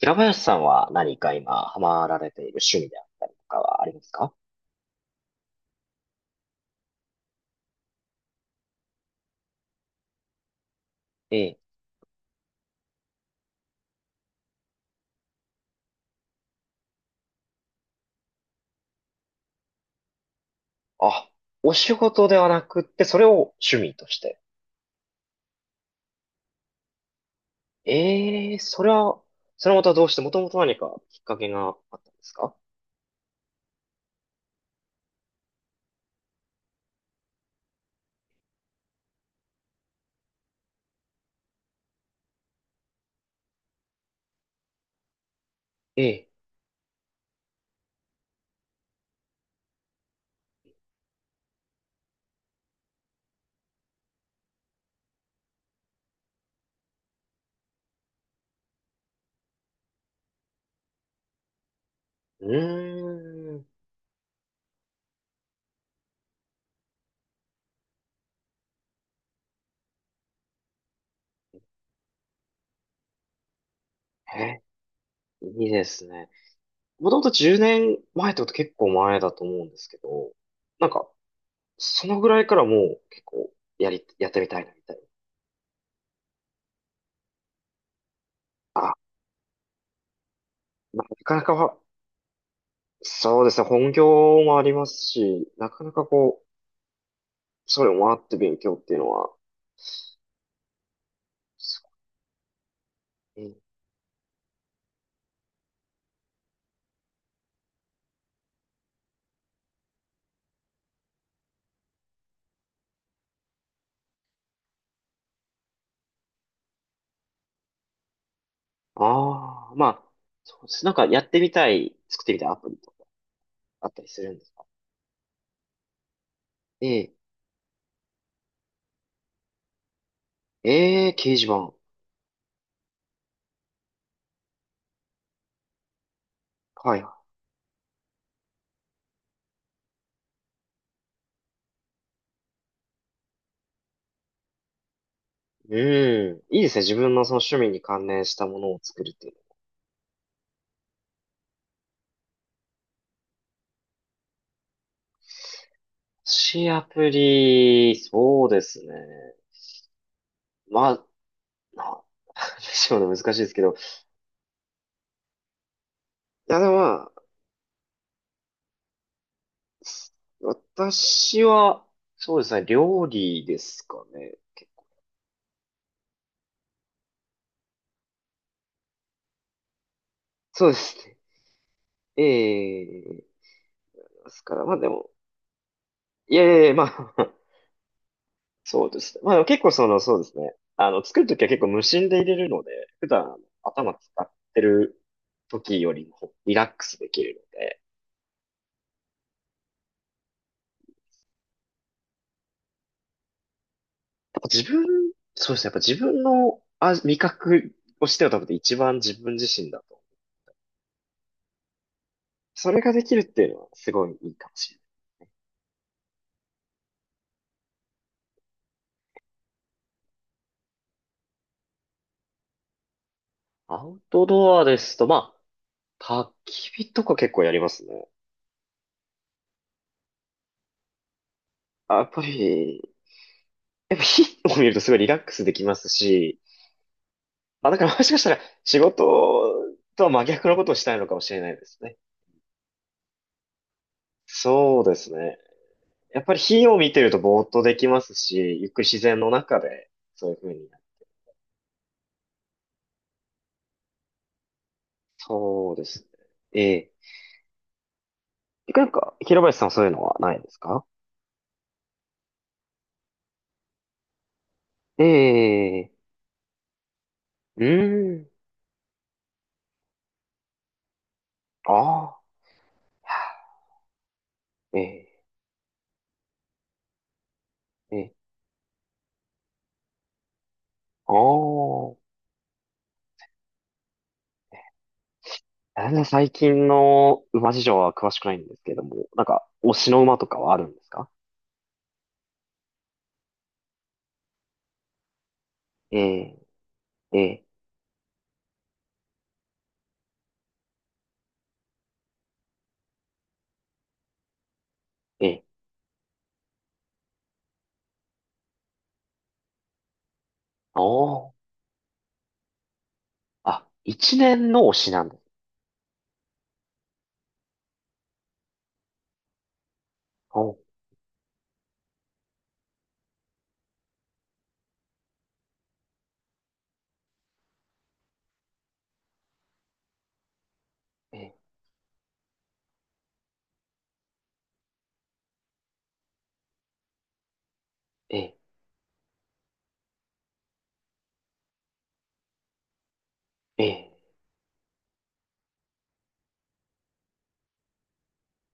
平林さんは何か今ハマられている趣味であったりとかはありますか？ええ、あ、お仕事ではなくって、それを趣味として。ええ、それは、それはまたどうして、もともと何かきっかけがあったんですか？ええ、うーん。え、いいですね。もともと10年前ってこと結構前だと思うんですけど、なんか、そのぐらいからもう結構やってみたいなみたいな。あ、なかなかは、そうですね、本業もありますし、なかなかこう、それもあって勉強っていうのは、すごいね。ああ、まあ、そうです。なんかやってみたい、作ってみたいアプリとかあったりするんですか？ええ、ええ、掲示板。はいはい。うん。いいですね。自分のその趣味に関連したものを作るっていうの。しアプリ、そうですね。まあ、なん でしょうね。難しいですけど。いや、でもまあ、私は、そうですね、料理ですかね。そうですね。ええ、ですから、まあでも、いやいやいや、まあ、そうですね。まあでも結構その、そうですね。あの、作るときは結構無心で入れるので、普段頭使ってる時よりもリラックスできるので、やっぱ自分、そうですね、やっぱ自分の味覚をしては多分一番自分自身だと。それができるっていうのはすごいいいかもしれない。アウトドアですと、まあ、焚き火とか結構やりますね。あ、やっぱり、やっぱ火を見るとすごいリラックスできますし、あ、だからもしかしたら仕事とは真逆のことをしたいのかもしれないですね。そうですね。やっぱり火を見てるとぼーっとできますし、ゆっくり自然の中で、そういうふうに。そうですね。ええ。てかなんか、平林さんはそういうのはないですか？ええ。うーん。ああ。ええ。ええ。ああ。全然最近の馬事情は詳しくないんですけれども、なんか、推しの馬とかはあるんですか？ええ、ええ、ええ、おー。あ、一年の推しなんです。おー、ええ、ええ、ええ。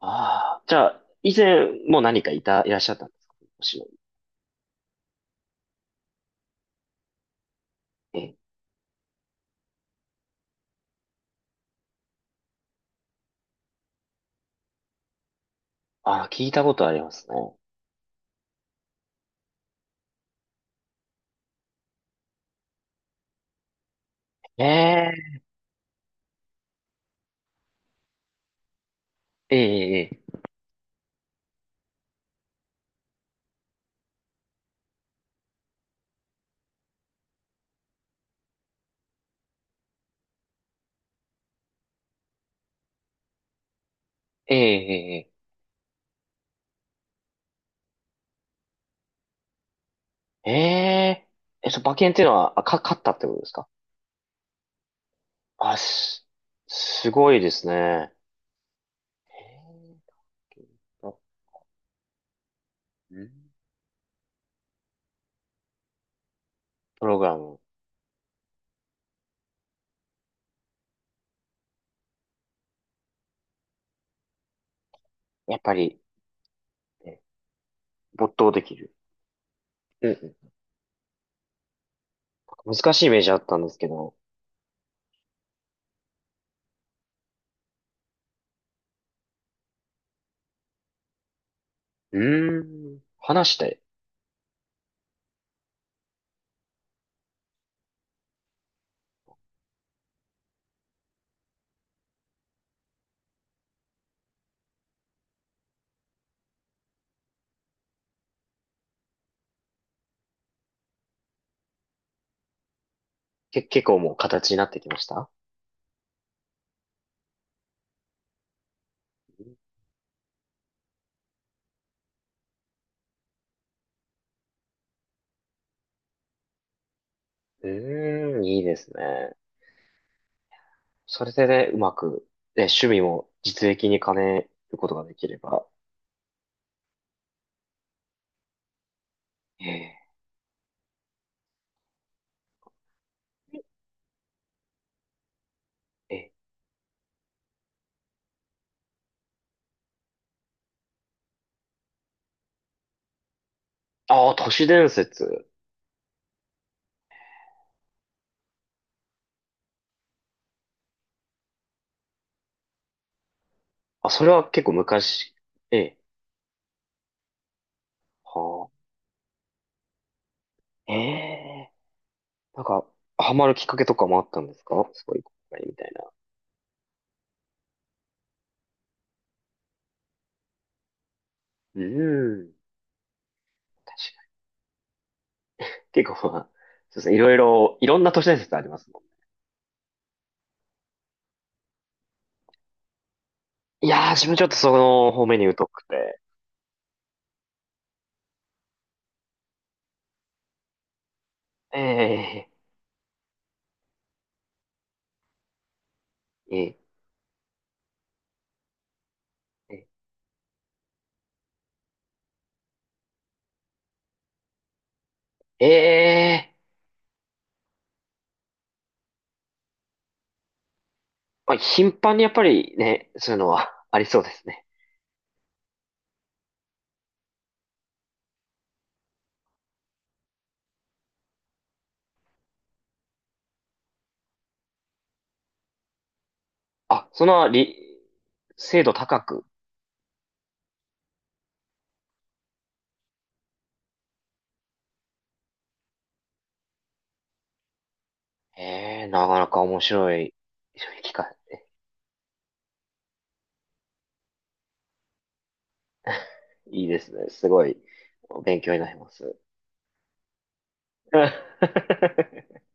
ああ、じゃあ、以前も何かいらっしゃったんですか？推しの。ええ。ああ、聞いたことありますね。ええ、ええ、ええ、ええ、ええ、え、ええその馬券っていうのは、勝ったってことですか？あ、す、すごいですね。ええ、うん、プログラム、やっぱり、ね、没頭できる。うんうん、難しいイメージあったんですけど、うーん。話して、結構もう形になってきました？うーん。いいですね。それでね、うまく、ね、趣味も実益に兼ねることができれば。ええ、ええ。ああ、都市伝説。あ、それは結構昔。ええ。はあ。ええ。なんか、ハマるきっかけとかもあったんですか？すごい、みたいな。うーん。確かに。結構まあ、そうですね、いろいろ、いろんな都市伝説ありますもん。いやー、自分ちょっとその方面に疎くて。ええ、ええ、ええ、まあ、頻繁にやっぱりね、そういうのは ありそうですね。あ、その、精度高く。ええ、なかなか面白い、機会。いいですね。すごい、勉強になります。